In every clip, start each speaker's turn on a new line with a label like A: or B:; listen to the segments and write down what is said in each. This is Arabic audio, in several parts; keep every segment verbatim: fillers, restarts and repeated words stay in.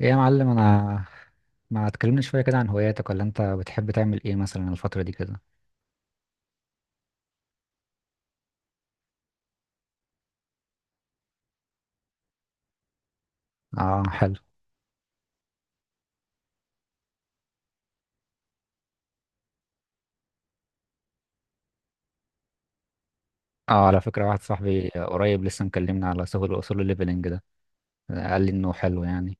A: ايه يا معلم، انا ما تكلمني شويه كده عن هواياتك، ولا انت بتحب تعمل ايه مثلا الفتره دي كده؟ اه، حلو. اه، على فكره واحد صاحبي قريب لسه مكلمنا على سهول اصول الليفلنج ده. قال لي انه حلو يعني.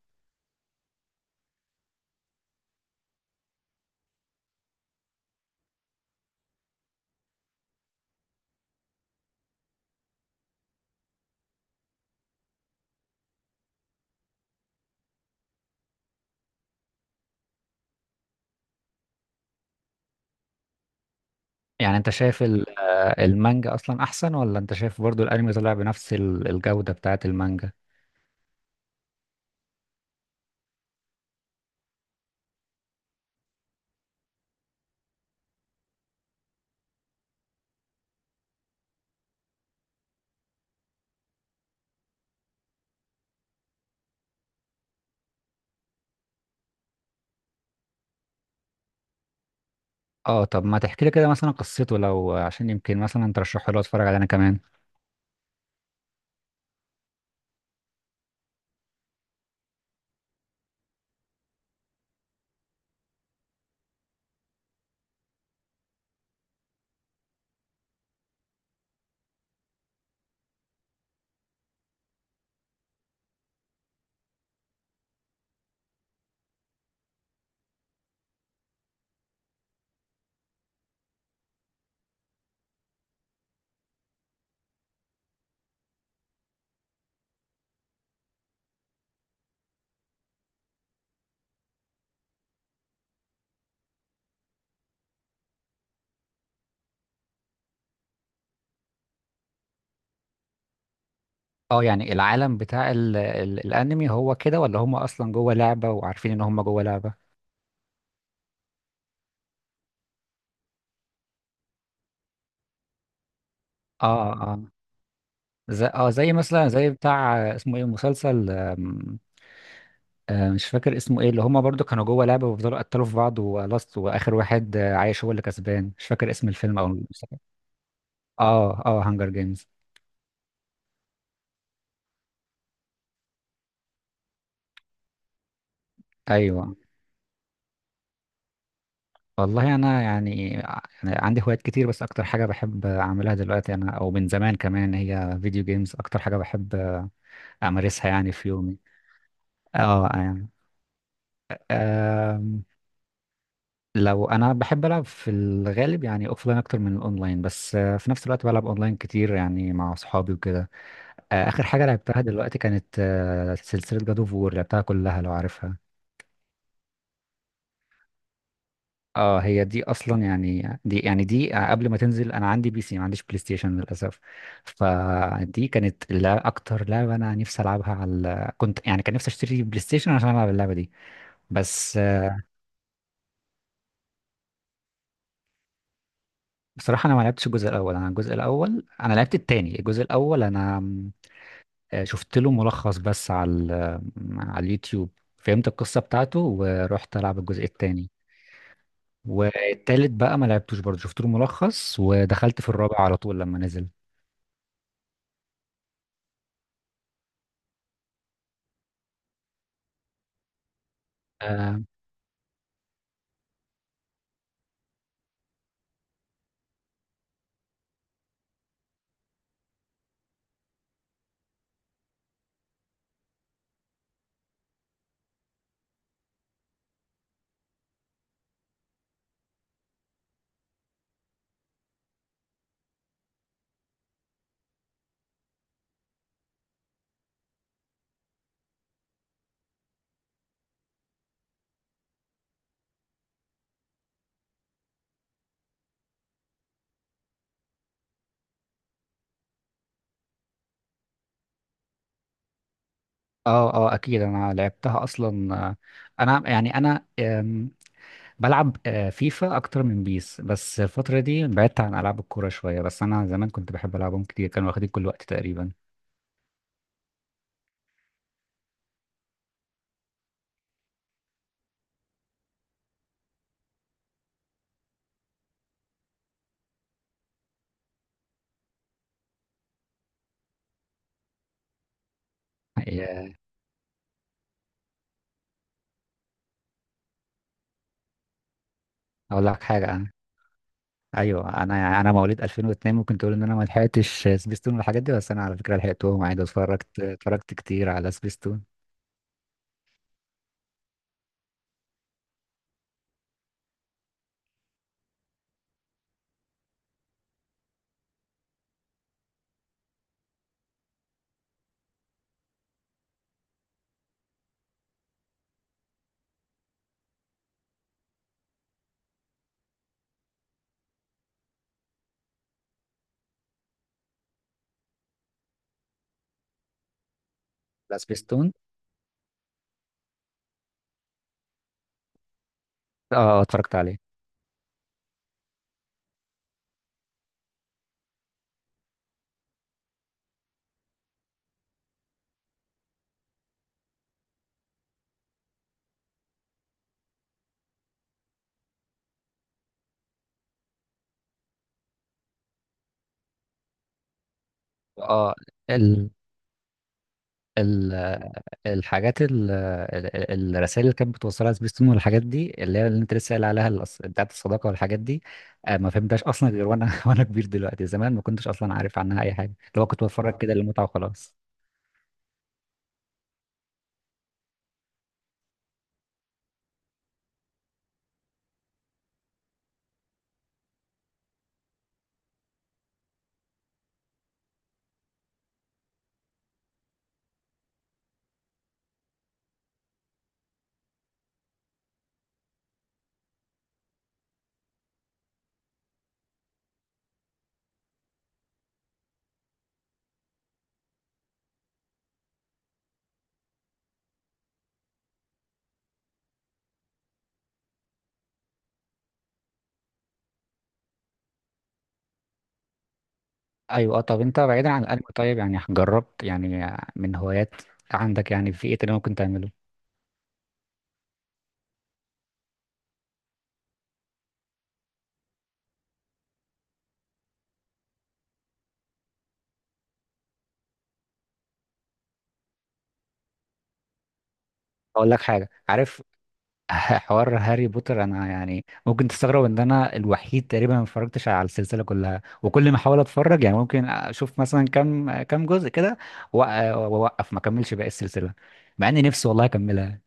A: يعني انت شايف ال- آه، المانجا اصلا احسن، ولا انت شايف برضو الانمي طلع بنفس ال- الجوده بتاعه المانجا؟ اه، طب ما تحكي لي كده مثلا قصته، لو عشان يمكن مثلا ترشحه لي اتفرج عليه انا كمان. اه، يعني العالم بتاع ال ال الانمي هو كده، ولا هم اصلا جوه لعبه وعارفين ان هم جوه لعبه؟ اه، اه، زي اه زي مثلا زي بتاع، آه، اسمه ايه، مسلسل، آم، آه، مش فاكر اسمه ايه، اللي هما برضو كانوا جوه لعبة وفضلوا قتلوا في بعض، ولاست واخر واحد آه، عايش هو اللي كسبان، مش فاكر اسم الفيلم او المسلسل. اه، اه، هانجر جيمز، ايوه. والله انا يعني ع- يعني عندي هوايات كتير، بس اكتر حاجة بحب اعملها دلوقتي انا او من زمان كمان هي فيديو جيمز، اكتر حاجة بحب امارسها يعني في يومي. اه، يعني لو انا بحب العب في الغالب يعني اوفلاين اكتر من الاونلاين، بس آه، في نفس الوقت بلعب اونلاين كتير يعني مع اصحابي وكده. آه، اخر حاجه لعبتها دلوقتي كانت آه، سلسله جاد اوف وور، لعبتها كلها لو عارفها. اه، هي دي اصلا يعني دي يعني دي آه، قبل ما تنزل انا عندي بي سي ما عنديش بلاي ستيشن للاسف. فدي كانت، لا، اكتر لعبه انا نفسي العبها، على كنت يعني كان نفسي اشتري بلاي ستيشن عشان العب اللعبه دي. بس آه، بصراحه انا ما لعبتش الجزء الاول، انا الجزء الاول انا لعبت التاني، الجزء الاول انا آه، شفت له ملخص بس على ال- على اليوتيوب، فهمت القصة بتاعته ورحت ألعب الجزء التاني. والتالت بقى ما لعبتوش برضه، شفت له ملخص، ودخلت في الرابع على طول لما نزل. اه، اه، آه، اكيد انا لعبتها اصلا. آه، انا يعني انا آم، بلعب آه، فيفا اكتر من بيس، بس الفترة دي بعدت عن العاب الكورة شوية، بس انا زمان كنت بحب العبهم كتير، كانوا واخدين كل وقت تقريبا. آه، اقول لك حاجة. ايوه، انا انا مواليد ألفين واثنين، ممكن تقول ان انا ما لحقتش سبيستون والحاجات دي، بس انا على فكره لحقتهم عادي، اتفرجت اتفرجت كتير على سبيستون. على سبيستون، اه، اتفرجت عليه. اه، ال ال الحاجات ال الرسائل اللي كانت بتوصلها سبيستون والحاجات دي، اللي هي اللي انت لسه قايل عليها، الأص- بتاعت الصداقه والحاجات دي، آه، ما فهمتهاش اصلا غير وانا وانا كبير دلوقتي. زمان ما كنتش اصلا عارف عنها اي حاجه، لو كنت بتفرج كده للمتعه وخلاص. ايوه، آه، طب انت بعيدا عن الانمي، طيب يعني جربت يعني من هوايات عندك، يعني في ايه تاني ممكن تعمله؟ اقول لك حاجه، عارف؟ حوار هاري بوتر، انا يعني ممكن تستغرب ان انا الوحيد تقريبا ما اتفرجتش على السلسله كلها، وكل ما احاول اتفرج يعني ممكن اشوف مثلا كام كام جزء كده وأ- واوقف، ما اكملش باقي السلسله، مع اني نفسي والله اكملها.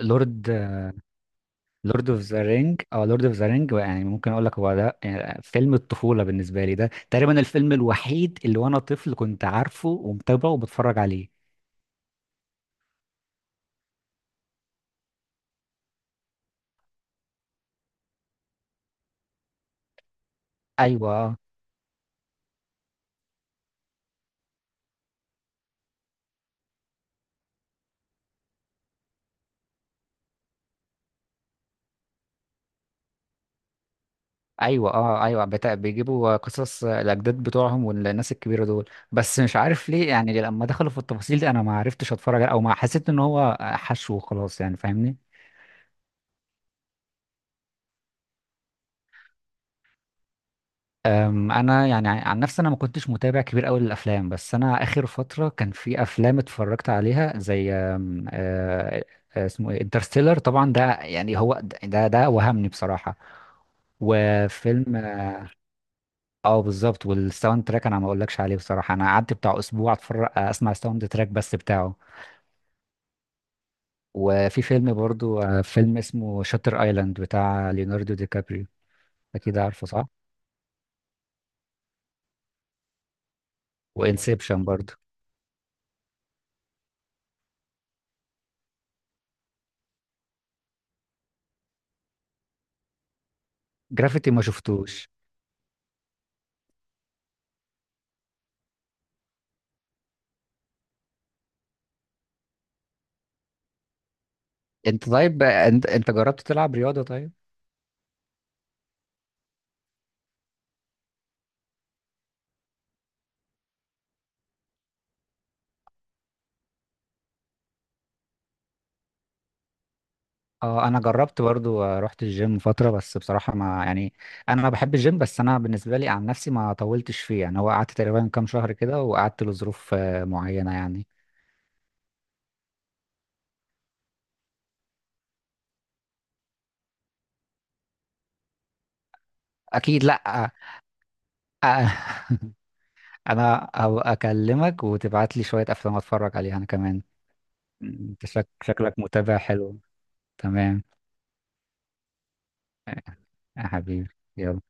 A: لورد لورد اوف ذا رينج، اه، لورد اوف ذا رينج يعني ممكن اقول لك هو ده، يعني فيلم الطفوله بالنسبه لي، ده تقريبا الفيلم الوحيد اللي وانا طفل كنت عارفه ومتابعه وبتفرج عليه. ايوه، اه، ايوه، اه، ايوه، بتا- بيجيبوا قصص الاجداد بتوعهم والناس الكبيره دول، بس مش عارف ليه، يعني لما دخلوا في التفاصيل دي انا ما عرفتش اتفرج عليه، او ما حسيت ان هو حشو وخلاص، يعني فاهمني. أم، انا يعني عن نفسي، انا ما كنتش متابع كبير قوي للافلام، بس انا اخر فتره كان في افلام اتفرجت عليها، زي أم، آه، آه، اسمه ايه، انترستيلر طبعا ده، يعني هو ده ده وهمني بصراحه. وفيلم، اه، آه، بالظبط، والساوند تراك انا ما اقولكش عليه بصراحه، انا قعدت بتاع اسبوع اتفرج آه، اسمع الساوند تراك بس بتاعه. وفي فيلم برضو آه، فيلم اسمه شاتر ايلاند، بتاع ليوناردو دي كابريو. اكيد عارفه صح. وانسبشن برضو. جرافيتي ما شفتوش. انت طيب، انت انت جربت تلعب رياضة طيب؟ اه، انا جربت برضو آه، رحت الجيم فترة، بس بصراحة ما يعني، انا بحب الجيم، بس انا بالنسبة لي عن نفسي ما طولتش فيه، يعني هو قعدت تقريبا كام شهر كده، وقعدت لظروف آه، معينة يعني. اكيد، لا، آه، انا هبقى اكلمك وتبعت لي شوية افلام اتفرج عليها انا كمان. انت شك... شكلك متابع حلو. تمام، يا حبيبي، يلا.